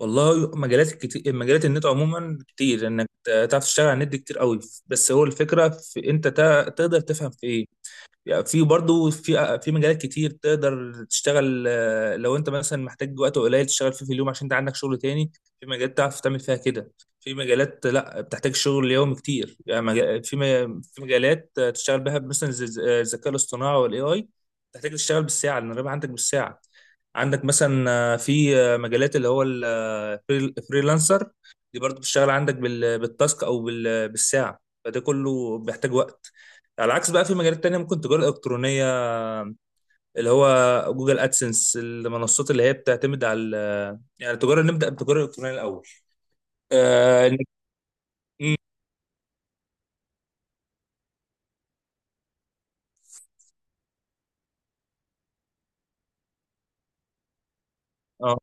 والله مجالات كتير مجالات النت عموما كتير انك تعرف تشتغل على النت دي كتير قوي. بس هو الفكره في انت تقدر تفهم في ايه؟ يعني في برضو في مجالات كتير تقدر تشتغل، لو انت مثلا محتاج وقت قليل تشتغل فيه في اليوم عشان انت عندك شغل تاني. في مجالات تعرف تعمل فيها كده، في مجالات لا بتحتاج شغل يومي كتير، يعني في مجالات تشتغل بها مثلا زي الذكاء الاصطناعي والاي اي. تحتاج تشتغل بالساعه لان الربح عندك بالساعه. عندك مثلا في مجالات اللي هو الفريلانسر، دي برضو بتشتغل عندك بالتاسك او بالساعه، فده كله بيحتاج وقت. على عكس بقى في مجالات تانية ممكن تجارة إلكترونية، اللي هو جوجل أدسنس، المنصات اللي هي بتعتمد على يعني التجارة. نبدأ بالتجارة الإلكترونية الأول. آه. مم. آه.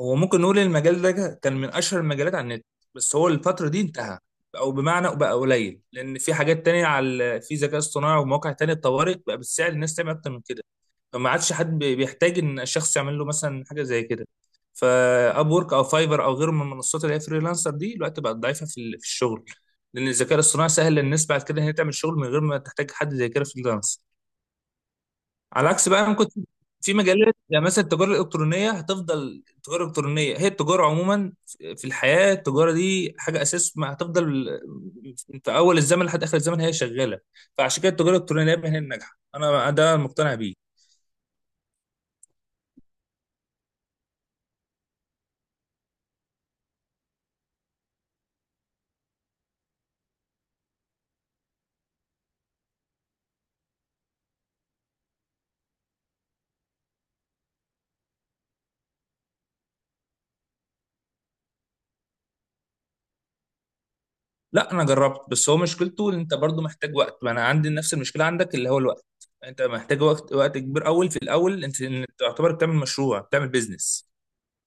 هو ممكن نقول إن المجال ده كان من أشهر المجالات على النت، بس هو الفترة دي انتهى، أو بمعنى بقى قليل لأن في حاجات تانية، على في ذكاء اصطناعي ومواقع تانية اتطورت بقى بالسعر الناس تعمل أكتر من كده. ما عادش حد بيحتاج ان الشخص يعمل له مثلا حاجه زي كده، فاب وورك او فايفر او غيره من المنصات اللي هي فريلانسر، دي دلوقتي بقت ضعيفه في الشغل، لان الذكاء الاصطناعي سهل للناس بعد كده ان هي تعمل شغل من غير ما تحتاج حد زي كده فريلانس. على عكس بقى ممكن في مجالات، يعني مثلا التجاره الالكترونيه هتفضل. التجاره الالكترونيه هي التجاره عموما، في الحياه التجاره دي حاجه اساس، ما هتفضل في اول الزمن لحد اخر الزمن هي شغاله. فعشان كده التجاره الالكترونيه دايما هي الناجحه، انا ده مقتنع بيه. لا انا جربت، بس هو مشكلته ان انت برضو محتاج وقت، ما انا عندي نفس المشكله عندك اللي هو الوقت. انت محتاج وقت وقت كبير اول. في الاول إنت تعتبر بتعمل مشروع، بتعمل بيزنس.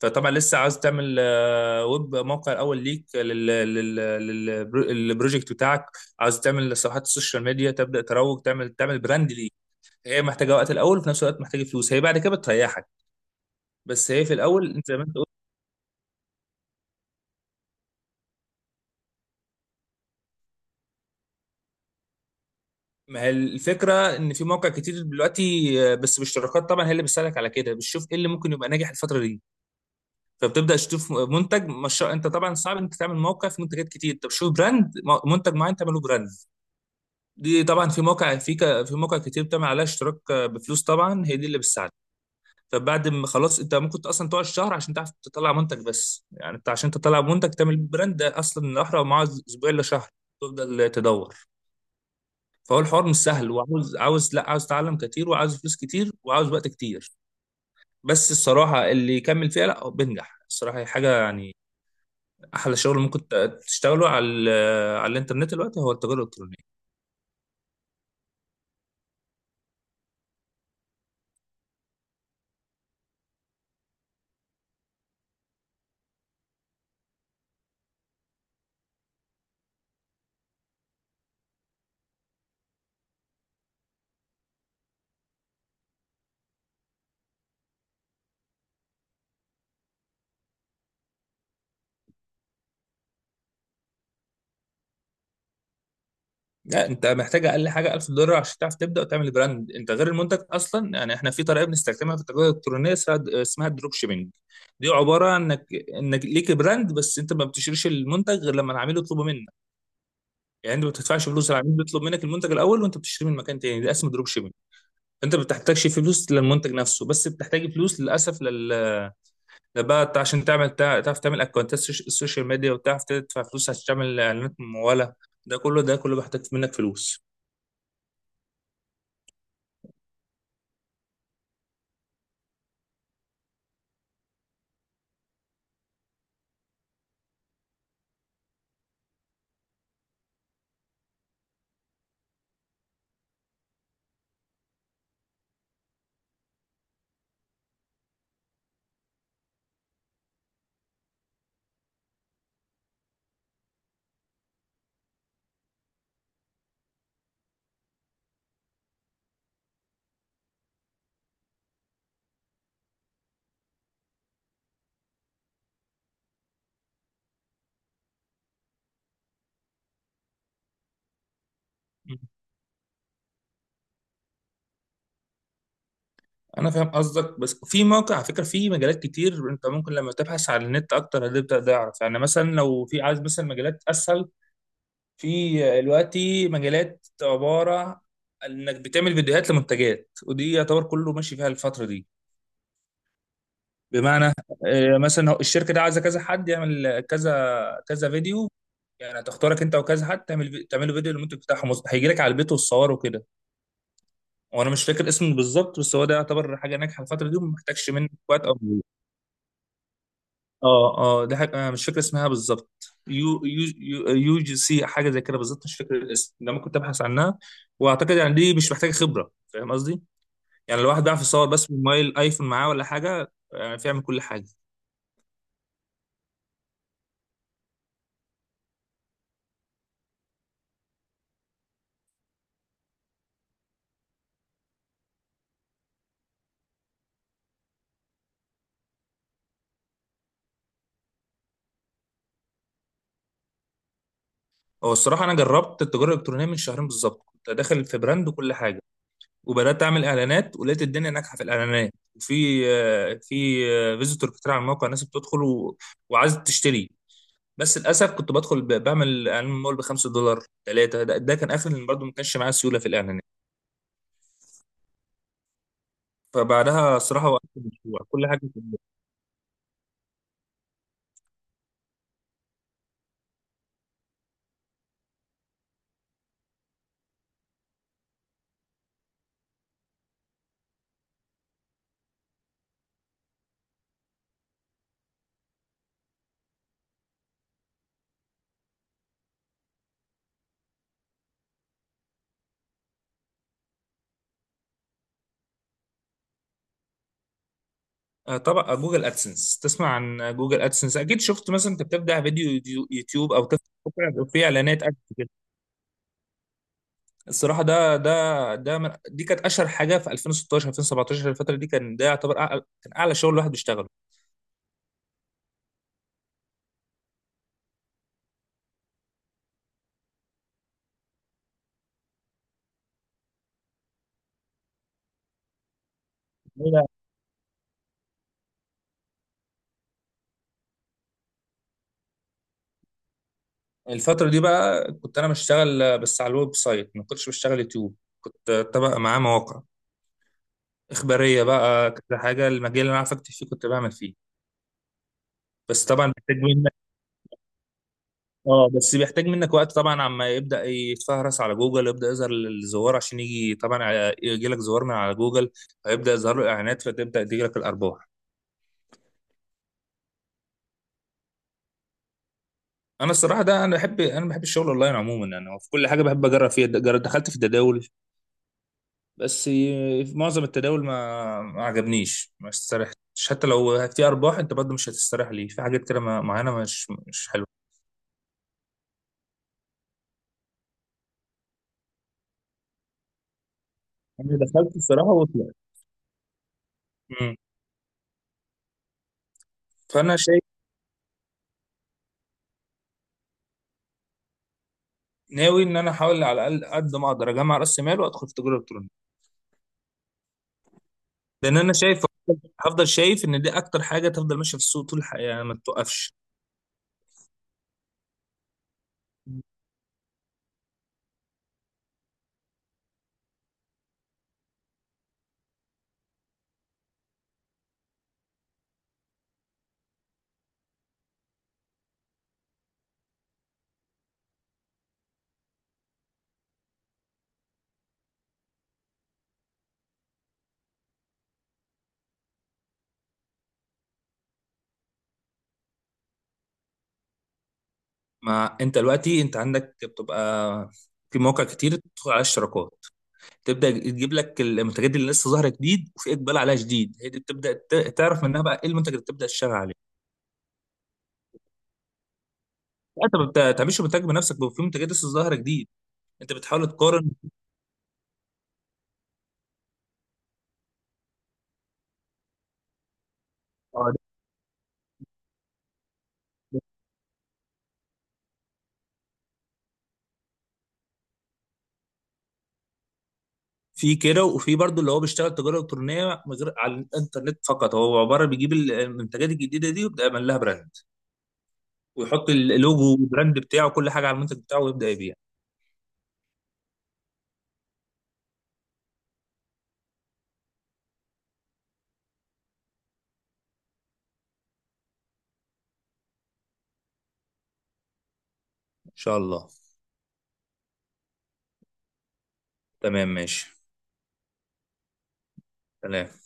فطبعا لسه عاوز تعمل ويب موقع الاول ليك للبروجكت بتاعك. عاوز تعمل صفحات السوشيال ميديا، تبدا تروج، تعمل براند ليك. هي محتاجه وقت الاول، وفي نفس الوقت محتاجه فلوس، هي بعد كده بتريحك، بس هي في الاول انت زي ما انت. ما هي الفكرة إن في مواقع كتير دلوقتي، بس بالاشتراكات طبعا هي اللي بتساعدك على كده، بتشوف إيه اللي ممكن يبقى ناجح الفترة دي. فبتبدأ تشوف منتج، مش أنت طبعا صعب إنك تعمل موقع في منتجات كتير، أنت بتشوف براند منتج معين تعمله براند. دي طبعا في موقع كتير بتعمل عليها اشتراك بفلوس طبعا هي دي اللي بتساعدك. فبعد ما خلاص أنت ممكن أصلا تقعد شهر عشان تعرف تطلع منتج، بس يعني أنت عشان تطلع منتج تعمل براند ده أصلا الأحرى معاه أسبوع إلا شهر، تفضل تدور. فهو الحوار مش سهل، وعاوز، عاوز لا عاوز تعلم كتير وعاوز فلوس كتير وعاوز وقت كتير. بس الصراحة اللي يكمل فيها لا هو بينجح، الصراحة هي حاجة يعني أحلى شغل ممكن تشتغله على على الإنترنت دلوقتي هو التجارة الإلكترونية. لا أنت محتاج أقل حاجة 1000 دولار عشان تعرف تبدأ وتعمل براند، أنت غير المنتج أصلا. يعني إحنا في طريقة بنستخدمها في التجارة الإلكترونية اسمها الدروب شيبينج. دي عبارة عن إنك ليك براند، بس أنت ما بتشتريش المنتج غير لما العميل يطلبه منك. يعني أنت ما بتدفعش فلوس، العميل بيطلب منك المنتج الأول وأنت بتشتري من مكان تاني، ده اسمه دروب شيبينج. انت ما بتحتاجش فلوس للمنتج نفسه، بس بتحتاج فلوس للاسف ده بقى عشان تعمل تعرف تعمل اكونتات السوشيال ميديا، وتعرف تدفع فلوس عشان تعمل اعلانات ممولة. ده كله بيحتاج منك فلوس. مم. انا فاهم قصدك، بس في موقع على فكره، في مجالات كتير انت ممكن لما تبحث على النت اكتر هتبدا تعرف. يعني مثلا لو في عايز مثلا مجالات اسهل، في دلوقتي مجالات عباره عن انك بتعمل فيديوهات لمنتجات، ودي يعتبر كله ماشي فيها الفتره دي. بمعنى مثلا الشركه دي عايزه كذا حد يعمل كذا كذا فيديو، يعني هتختارك انت وكذا حد تعمل تعملوا فيديو للمنتج بتاعهم، هيجي لك على البيت والصور وكده. وانا مش فاكر اسمه بالظبط، بس هو ده يعتبر حاجه ناجحه الفتره دي وما محتاجش منك وقت او... اه. اه دي حاجه أنا مش فاكر اسمها بالظبط. UGC حاجه زي كده بالظبط، مش فاكر الاسم، ده ممكن تبحث عنها. واعتقد يعني دي مش محتاجه خبره، فاهم قصدي؟ يعني الواحد بيعرف يصور بس بموبايل ايفون معاه ولا حاجه، يعني بيعمل كل حاجه. هو الصراحة أنا جربت التجارة الإلكترونية من شهرين بالظبط، كنت داخل في براند وكل حاجة، وبدأت أعمل إعلانات ولقيت الدنيا ناجحة في الإعلانات، وفي في فيزيتور كتير على الموقع، ناس بتدخل و... وعايزة تشتري. بس للأسف كنت بدخل بعمل إعلان مول ب5 دولار، ثلاثة، ده كان آخر، اللي برضه ما كانش معايا سيولة في الإعلانات. فبعدها الصراحة وقفت المشروع كل حاجة في البيت. طبعا جوجل أدسنس، تسمع عن جوجل أدسنس أكيد، شفت مثلا أنت بتبدأ فيديو يوتيوب أو تفتح موقع بيبقى فيه إعلانات أدسنس. الصراحه ده من دي كانت اشهر حاجه في 2016 2017 الفتره دي، كان ده يعتبر أعلى، كان اعلى شغل الواحد بيشتغله. ليه بقى؟ الفتره دي بقى كنت انا بشتغل بس على الويب سايت، ما كنتش بشتغل يوتيوب، كنت طبق معاه مواقع اخباريه بقى كذا حاجه، المجال اللي انا عارف اكتب فيه كنت بعمل فيه. بس طبعا بيحتاج منك... اه بس بيحتاج منك وقت طبعا عما يبدا يتفهرس على جوجل يبدا يظهر الزوار عشان يجي طبعا، يجي لك زوار من على جوجل، فيبدا يظهر له اعلانات فتبدا تيجي لك الارباح. انا الصراحه ده انا بحب الشغل اونلاين عموما، يعني هو في كل حاجه بحب اجرب فيها. دخلت في التداول، بس في معظم التداول ما عجبنيش، ما استريحتش، حتى لو في ارباح انت برضه مش هتستريح ليه، في حاجات كده معينه مش حلوه. انا دخلت الصراحه وطلعت. مم. فانا شايف، ناوي ان انا احاول على الاقل قد ما اقدر اجمع راس مال وادخل في تجاره الكترونيه، لان انا شايف هفضل شايف ان دي اكتر حاجه تفضل ماشيه في السوق طول الحياه، يعني ما تتوقفش. ما انت دلوقتي انت عندك بتبقى في مواقع كتير بتدخل على اشتراكات، تبدا تجيب لك المنتجات دي اللي لسه ظاهره جديد وفي اقبال عليها شديد، هي دي بتبدا تعرف منها بقى ايه المنتج اللي بتبدا تشتغل عليه. لا، انت ما بتعملش منتج بنفسك، بيبقى في منتجات لسه ظاهره جديد. انت بتحاول تقارن. آه، في كده، وفي برضو اللي هو بيشتغل تجاره الكترونيه من غير على الانترنت فقط، هو عباره بيجيب المنتجات الجديده دي ويبدا يعمل لها براند، ويحط اللوجو والبراند بتاعه كل حاجه على المنتج بتاعه ويبدا يبيع. ان شاء الله. تمام ماشي. سلام.